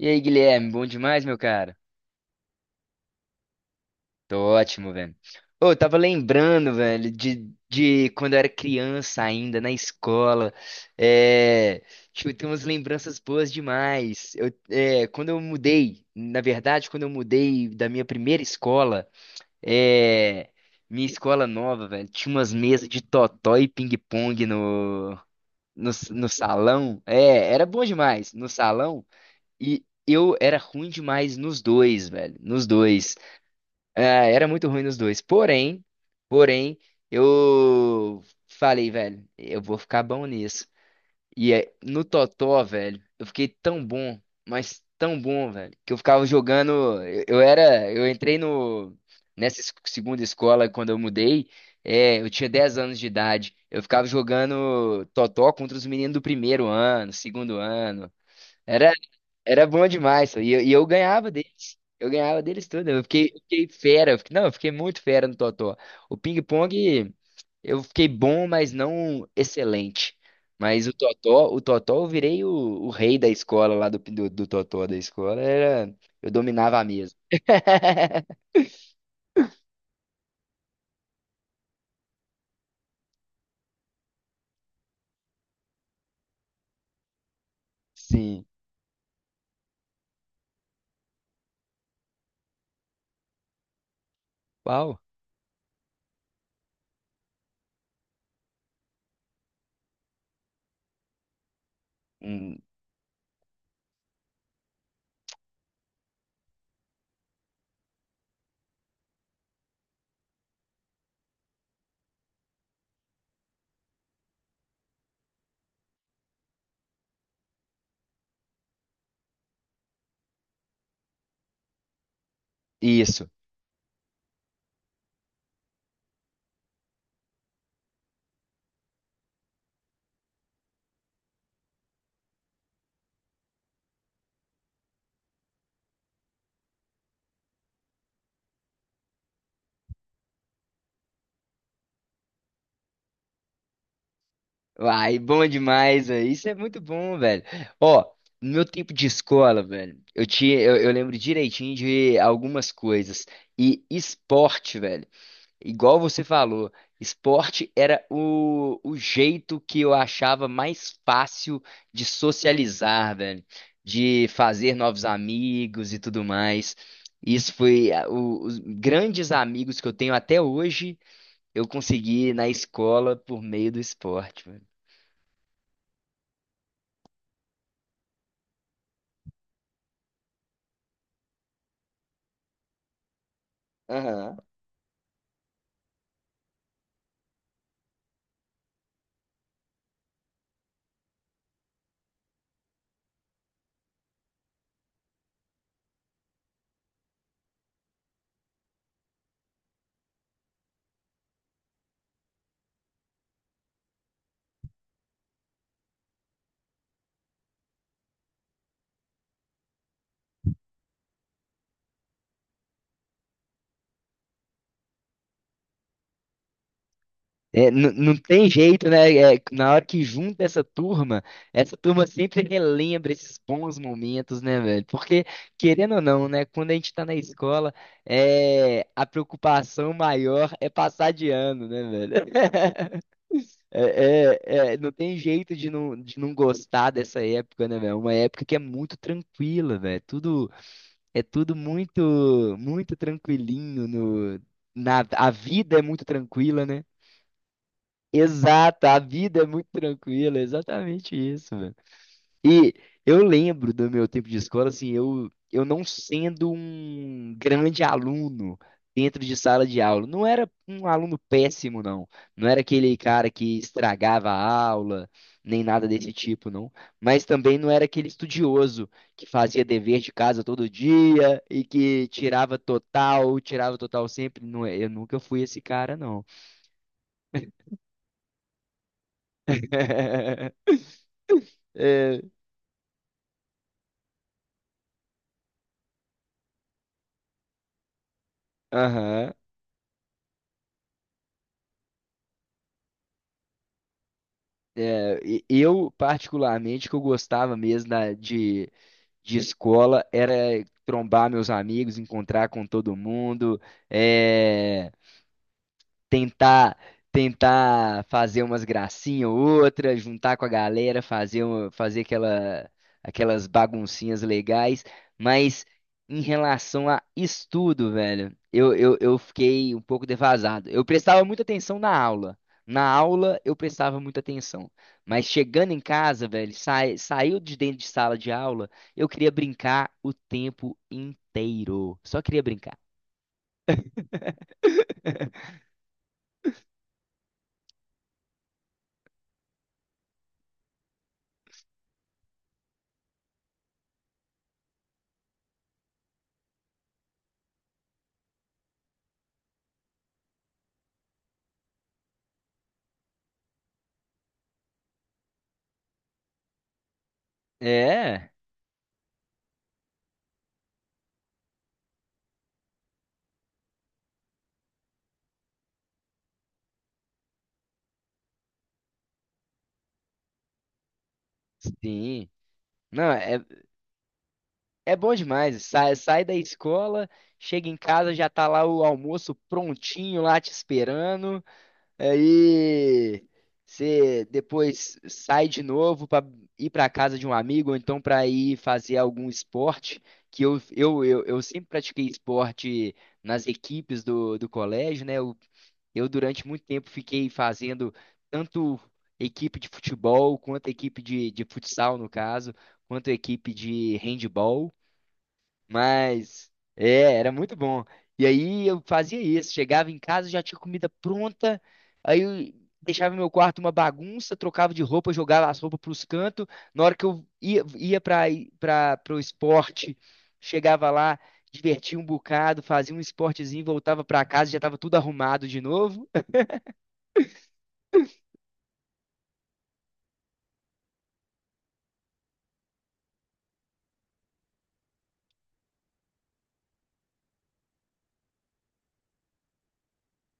E aí, Guilherme, bom demais, meu cara? Tô ótimo, velho. Ô, eu tava lembrando, velho, de quando eu era criança ainda, na escola. É, tipo, tem umas lembranças boas demais. Quando eu mudei, na verdade, quando eu mudei da minha primeira escola, é, minha escola nova, velho, tinha umas mesas de totó e ping-pong no salão. É, era bom demais. No salão. E eu era ruim demais nos dois, velho. Nos dois. Ah, era muito ruim nos dois. Porém, eu falei, velho, eu vou ficar bom nisso. E é, no Totó, velho, eu fiquei tão bom, mas tão bom, velho, que eu ficava jogando. Eu era. Eu entrei no. Nessa segunda escola, quando eu mudei, eu tinha 10 anos de idade. Eu ficava jogando Totó contra os meninos do primeiro ano, segundo ano. Era, era bom demais, pô. E eu ganhava deles. Eu ganhava deles tudo. Eu fiquei fera. Eu fiquei muito fera no totó. O ping-pong, eu fiquei bom, mas não excelente. Mas o totó, eu virei o rei da escola lá do totó da escola. Eu dominava a mesa. Sim. Uau. Hum, isso. Uai, bom demais, velho. Isso é muito bom, velho. Ó, no meu tempo de escola, velho, eu lembro direitinho de algumas coisas. E esporte, velho, igual você falou, esporte era o jeito que eu achava mais fácil de socializar, velho, de fazer novos amigos e tudo mais. Os grandes amigos que eu tenho até hoje, eu consegui na escola por meio do esporte. Aham. É, não tem jeito, né? É, na hora que junta essa turma sempre relembra esses bons momentos, né, velho? Porque, querendo ou não, né? Quando a gente tá na escola, é, a preocupação maior é passar de ano, né, velho? Não tem jeito de de não gostar dessa época, né, velho? É uma época que é muito tranquila, velho. É tudo muito, muito tranquilinho, no, na, a vida é muito tranquila, né? Exato, a vida é muito tranquila, é exatamente isso, mano. E eu lembro do meu tempo de escola, assim, eu não sendo um grande aluno dentro de sala de aula. Não era um aluno péssimo, não. Não era aquele cara que estragava a aula, nem nada desse tipo, não. Mas também não era aquele estudioso que fazia dever de casa todo dia e que tirava total sempre. Não, é, eu nunca fui esse cara, não. É. Aham. É, eu, particularmente, que eu gostava mesmo de escola era trombar meus amigos, encontrar com todo mundo. eh, tentar tentar fazer umas gracinhas ou outra, juntar com a galera, fazer aquelas baguncinhas legais, mas em relação a estudo, velho, eu fiquei um pouco defasado. Eu prestava muita atenção na aula. Na aula eu prestava muita atenção, mas chegando em casa, velho, saiu de dentro de sala de aula, eu queria brincar o tempo inteiro. Só queria brincar. É, sim. Não, é bom demais. Sai da escola, chega em casa, já tá lá o almoço prontinho lá te esperando. Aí você depois sai de novo pra ir pra casa de um amigo, ou então pra ir fazer algum esporte. Que eu, eu sempre pratiquei esporte nas equipes do colégio, né? Durante muito tempo, fiquei fazendo tanto equipe de futebol, quanto equipe de futsal, no caso, quanto equipe de handball, mas é, era muito bom. E aí eu fazia isso, chegava em casa, já tinha comida pronta, aí eu deixava meu quarto uma bagunça, trocava de roupa, jogava as roupas para os cantos. Na hora que ia para o esporte, chegava lá, divertia um bocado, fazia um esportezinho, voltava para casa, já estava tudo arrumado de novo.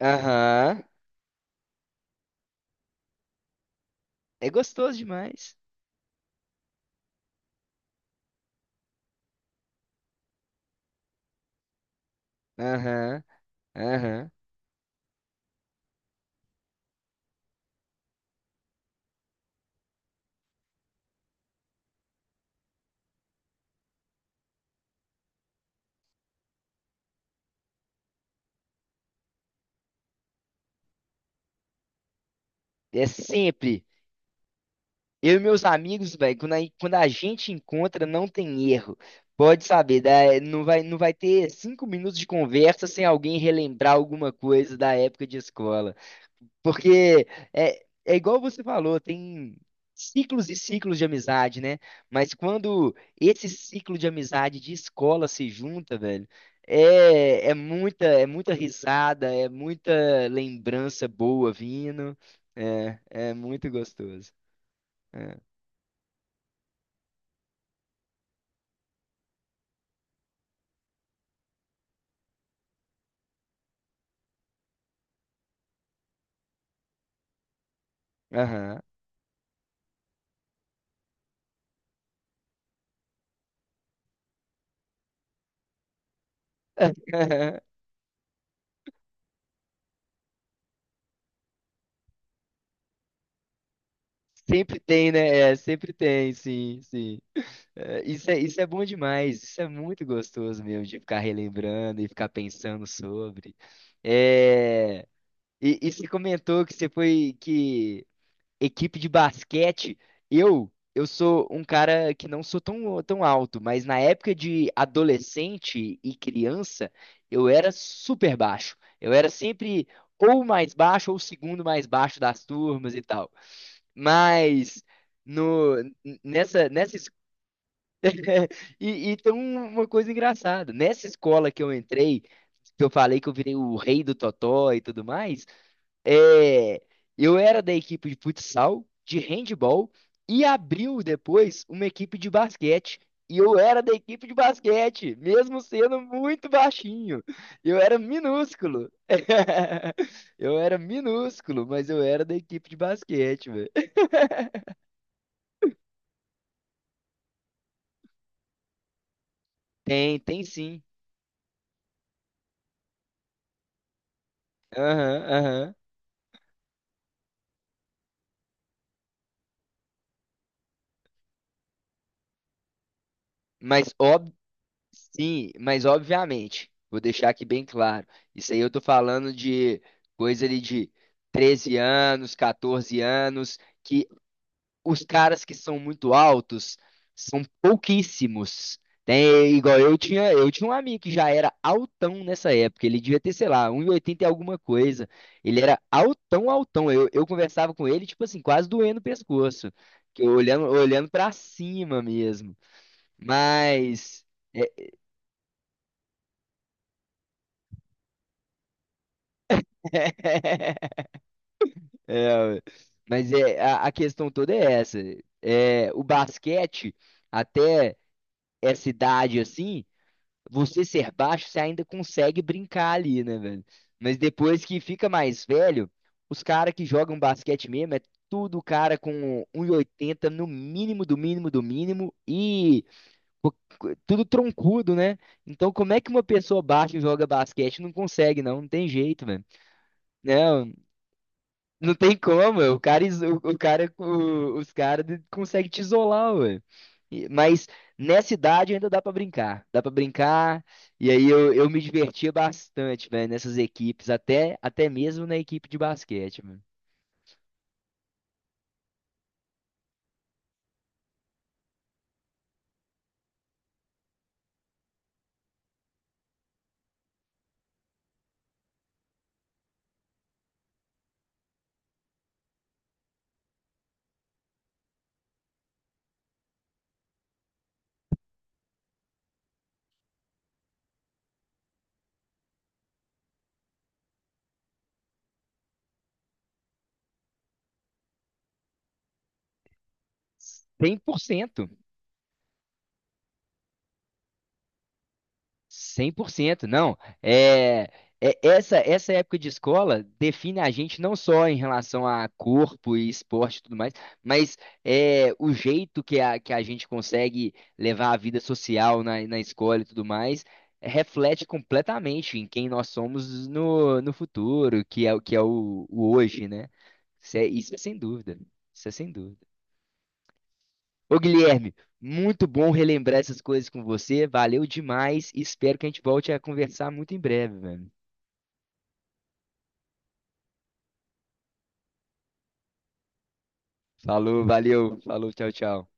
Aham. É gostoso demais. Aham. Aham. É sempre. Eu e meus amigos, velho, quando a gente encontra, não tem erro. Pode saber, não vai ter 5 minutos de conversa sem alguém relembrar alguma coisa da época de escola. Porque é igual você falou, tem ciclos e ciclos de amizade, né? Mas quando esse ciclo de amizade de escola se junta, velho, é muita risada, é muita lembrança boa vindo. É, é muito gostoso. É. Aham. Sempre tem, né? É, sempre tem, sim, sim. É, isso é bom demais, isso é muito gostoso mesmo, de ficar relembrando e ficar pensando sobre. É, e você comentou que você foi que equipe de basquete, eu eu sou um cara que não sou tão, tão alto, mas na época de adolescente e criança, eu era super baixo. Eu era sempre ou mais baixo ou o segundo mais baixo das turmas e tal. Mas no, nessa, nessa E tem uma coisa engraçada. Nessa escola que eu entrei, que eu falei que eu virei o rei do totó e tudo mais, é, eu era da equipe de futsal, de handball, e abriu depois uma equipe de basquete. E eu era da equipe de basquete, mesmo sendo muito baixinho. Eu era minúsculo. Eu era minúsculo, mas eu era da equipe de basquete, velho. Tem sim. Aham, aham. Mas óbvio. Sim, mas obviamente, vou deixar aqui bem claro. Isso aí eu tô falando de coisa ali de 13 anos, 14 anos, que os caras que são muito altos são pouquíssimos. Tem, igual eu tinha um amigo que já era altão nessa época, ele devia ter, sei lá, 1,80 e oitenta e alguma coisa. Ele era altão, altão. Eu conversava com ele, tipo assim, quase doendo o pescoço, que eu olhando, olhando para cima mesmo. Mas É, mas a questão toda é essa. É, o basquete, até essa idade assim, você ser baixo, você ainda consegue brincar ali, né, velho? Mas depois que fica mais velho, os caras que jogam basquete mesmo é tudo cara com 1,80 no mínimo do mínimo do mínimo e co- tudo troncudo, né? Então como é que uma pessoa baixa joga basquete não consegue, não? Não tem jeito, velho. Não, não tem como, o cara, iso- o cara, o- os caras conseguem te isolar, ué. Mas nessa idade ainda dá pra brincar, dá pra brincar. E aí eu me divertia bastante, velho, nessas equipes, até mesmo na equipe de basquete, mano. 100%. Cem por cento não. É, essa época de escola define a gente não só em relação a corpo e esporte e tudo mais, mas é, o jeito que que a gente consegue levar a vida social na escola e tudo mais reflete completamente em quem nós somos no futuro, o que é o hoje, né? Isso é sem dúvida. Isso é sem dúvida. Ô Guilherme, muito bom relembrar essas coisas com você. Valeu demais. Espero que a gente volte a conversar muito em breve, velho. Falou, valeu, falou, tchau, tchau.